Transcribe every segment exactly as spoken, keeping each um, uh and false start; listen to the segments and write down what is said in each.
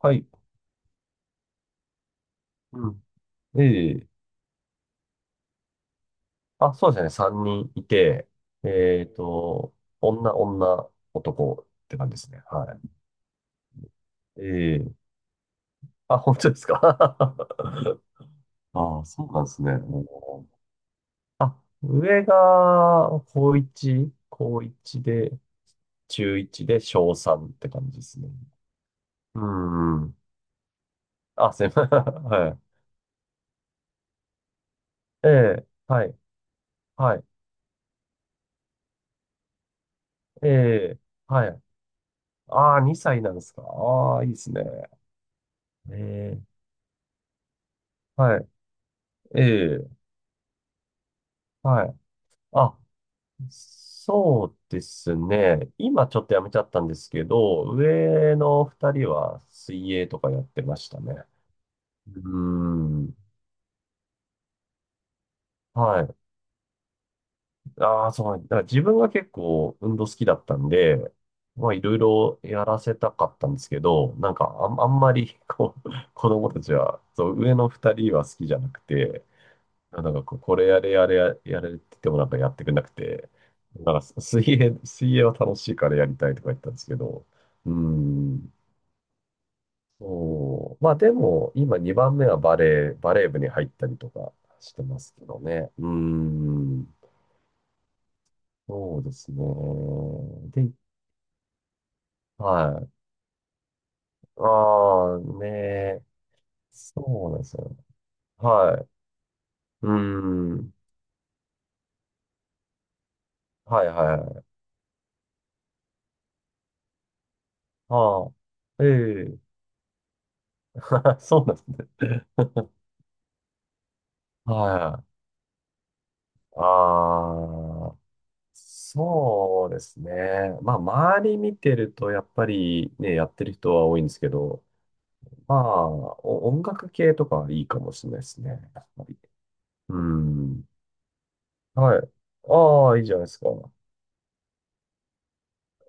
はい。うん。ええ、あ、そうですね。さんにんいて、えっと、女、女、男って感じですね。はい。ええ、あ、本当ですか。 ああ、そうなんですね。うん、あ、上が、高1、高1で、中いちで、小さんって感じですね。うん。あ、すいません。はい。ええ、はい。はい。ええ、はい。ああ、にさいなんですか。ああ、いいですね。ええ、はい。ええ、はい。あ、そうですね。今ちょっとやめちゃったんですけど、上の二人は水泳とかやってましたね。うーん。はい。ああ、そう。だから自分が結構運動好きだったんで、まあいろいろやらせたかったんですけど、なんかあん、あんまりこう、子供たちは、そう、上の二人は好きじゃなくて、なんかこう、これやれやれやれやれって言ってもなんかやってくれなくて、なんか 水泳、水泳は楽しいからやりたいとか言ったんですけど、うん、そう。まあでも、今にばんめはバレー、バレー部に入ったりとかしてますけどね。うん、そうですね。で、はい。ああ、ねー、そうなんですよ。はい。うん、はいはいはい。ああ、ええ そうなんですね。はい。ああ、そうですね。まあ、周り見てると、やっぱりね、やってる人は多いんですけど、まあ、お音楽系とかはいいかもしれないですね。やっぱり。うん。はい。ああ、いいじゃないですか。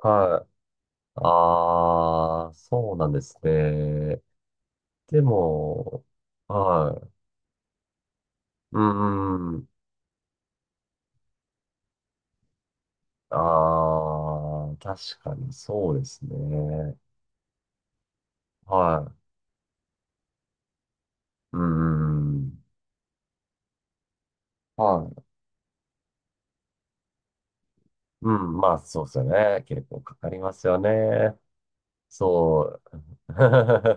はい。ああ、そうなんですね。でも、はい。うんうん。ああ、確かにそうですね。はい。うんうん。はい。うん、まあそうですよね。結構かかりますよね。そう。確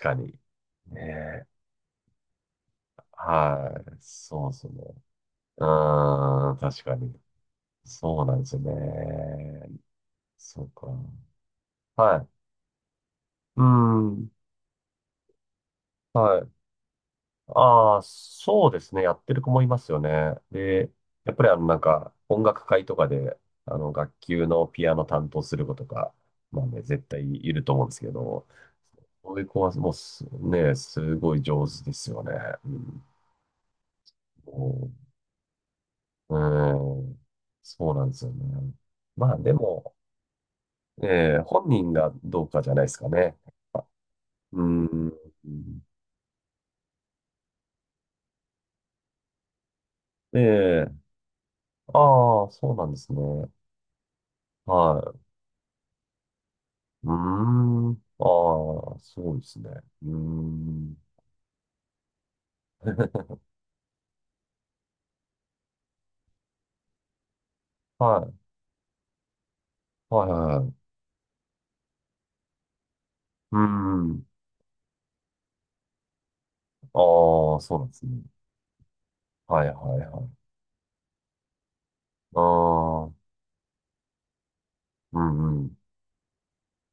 かに。ねえ。はい。そうですね。うーん、確かに。そうなんですよね。そうか。はい。うん。はい。ああ、そうですね。やってる子もいますよね。で、やっぱりあの、なんか、音楽会とかで、あの、学級のピアノ担当する子とか、まあね、絶対いると思うんですけど、そういう子はもうす、ね、すごい上手ですよね。うん。もう、うん。そうなんですよね。まあ、でも、えー本人がどうかじゃないですかね。うん。で、ああ、そうなんですね。はい。うーん。ああ、そうですね。うーん。はい。はいはいはい。うーん。ああ、そうなんですね。はいはいはい。ああ、うんうん。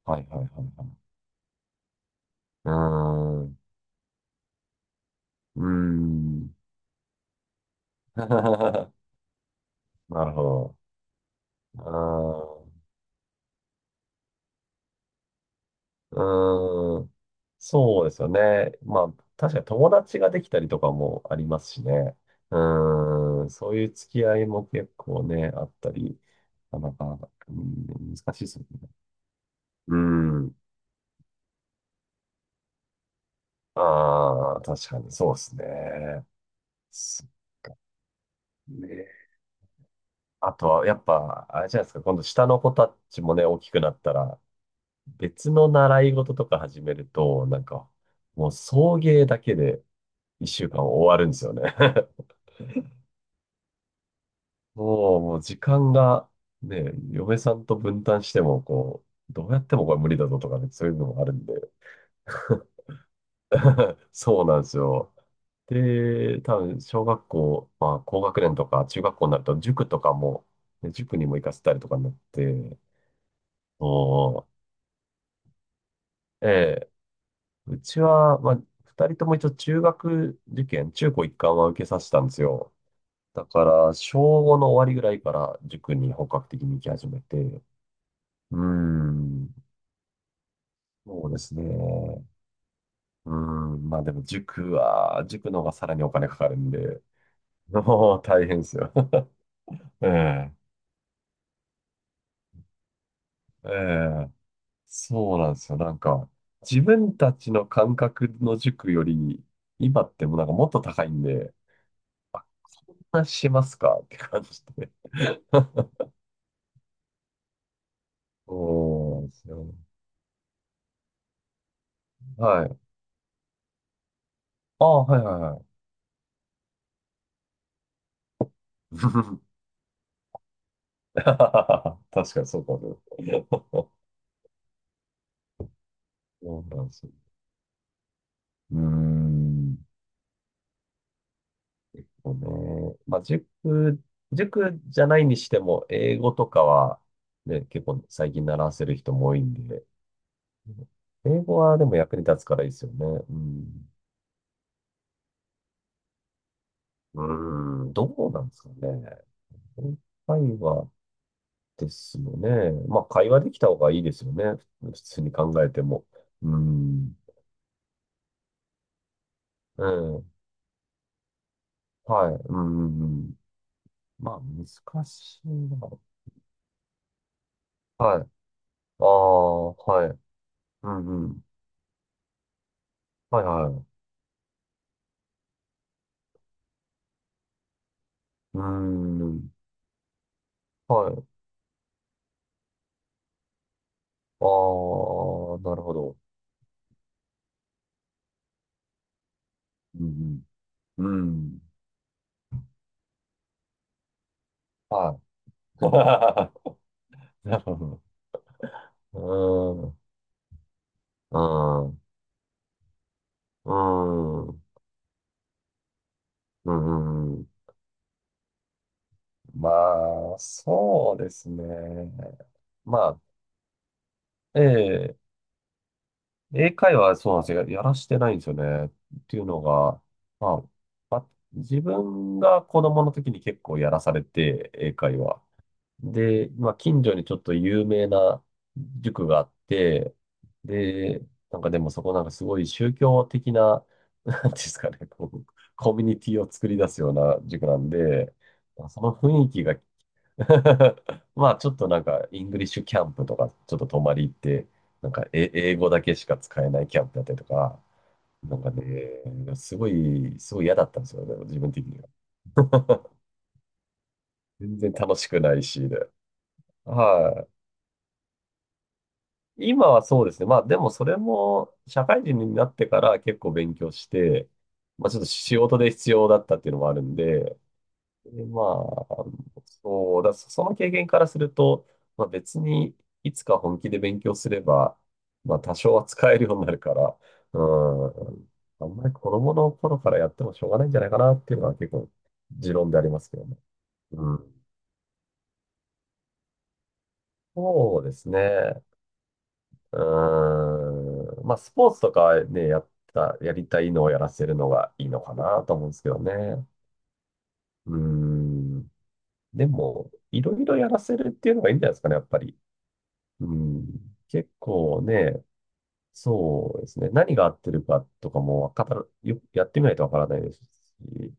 はいはいはいはい。うーん。うーん。なるほど。うーん。うーん。そうですよね。まあ、確かに友達ができたりとかもありますしね。うーん。そういう付き合いも結構ね、あったり、なかなか、うん、難しいですよね。うん。ああ、確かにそうですね。そっか、ね。あとは、やっぱ、あれじゃないですか、今度下の子たちもね、大きくなったら、別の習い事とか始めると、なんか、もう送迎だけで一週間終わるんですよね。もう、もう時間がね、嫁さんと分担しても、こう、どうやってもこれ無理だぞとかね、そういうのもあるんで。そうなんですよ。で、多分、小学校、まあ、高学年とか中学校になると、塾とかも、ね、塾にも行かせたりとかになって、おええ、うちは、まあ、二人とも一応中学受験、中高一貫は受けさせたんですよ。だから、小ごの終わりぐらいから塾に本格的に行き始めて、うーん。そうですね。うん。まあでも塾は、塾の方がさらにお金かかるんで、もう大変ですよ。ええ。ええ。そうなんですよ。なんか、自分たちの感覚の塾より、今ってもうなんかもっと高いんで、こんなしますか って感じで。そうなんですよ。はい。ああ、はいはいはい。確かにそうかも。そうなんですよ。うーん。そうね。まあ、塾、塾じゃないにしても、英語とかは、ね、結構最近習わせる人も多いんで、英語はでも役に立つからいいですよね。うん。うーん、どうなんですかね。英会話ですよね。まあ、会話できた方がいいですよね。普通に考えても。うーん。うん。はい。うーん。うん、まあ、難しいな。はい。ああ、はい。うんうん。はいはい。うーん。はい。ああ、なるほど。うんうん。うん。はい。なるほど。うん。うん。うん。うん。うん、まあ、そうですね。まあ、ええ、英会話はそうなんですよ。ややらしてないんですよね。っていうのが、まあ、自分が子供の時に結構やらされて、英会話。で、まあ、近所にちょっと有名な塾があって、で、なんかでもそこなんかすごい宗教的な、なんていうんですかね、こう、コミュニティを作り出すような塾なんで、その雰囲気が まあちょっとなんか、イングリッシュキャンプとか、ちょっと泊まり行って、なんか、え英語だけしか使えないキャンプだったりとか、なんかね、すごい、すごい嫌だったんですよね、自分的には。全然楽しくないし、で。はい。今はそうですね。まあでもそれも社会人になってから結構勉強して、まあちょっと仕事で必要だったっていうのもあるんで、でまあ、そうだ、そその経験からすると、まあ別にいつか本気で勉強すれば、まあ多少は使えるようになるから、うん、あんまり子供の頃からやってもしょうがないんじゃないかなっていうのは結構持論でありますけどね。うん。そうですね。うーん。まあ、スポーツとかね、やった、やりたいのをやらせるのがいいのかなと思うんですけどね。うーん。でも、いろいろやらせるっていうのがいいんじゃないですかね、やっぱり。うん。結構ね、そうですね。何が合ってるかとかもわかる、よ、やってみないとわからないですし。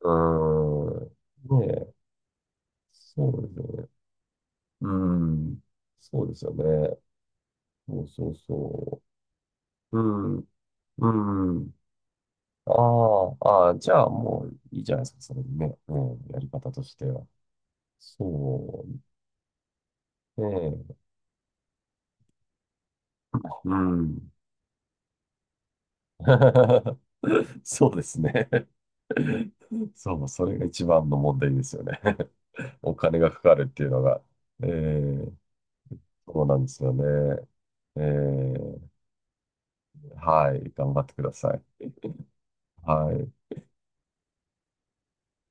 うーん。ねえ、そうですよね。うん。そうですよね。そうそうそう。うん。うん。あーあー、あじゃあもういいじゃないですか、それでね。うん、やり方としては。そうね。うん。そうですね。そう、それが一番の問題ですよね。お金がかかるっていうのが。えー、そうなんですよね。えー、はい、頑張ってください。はい。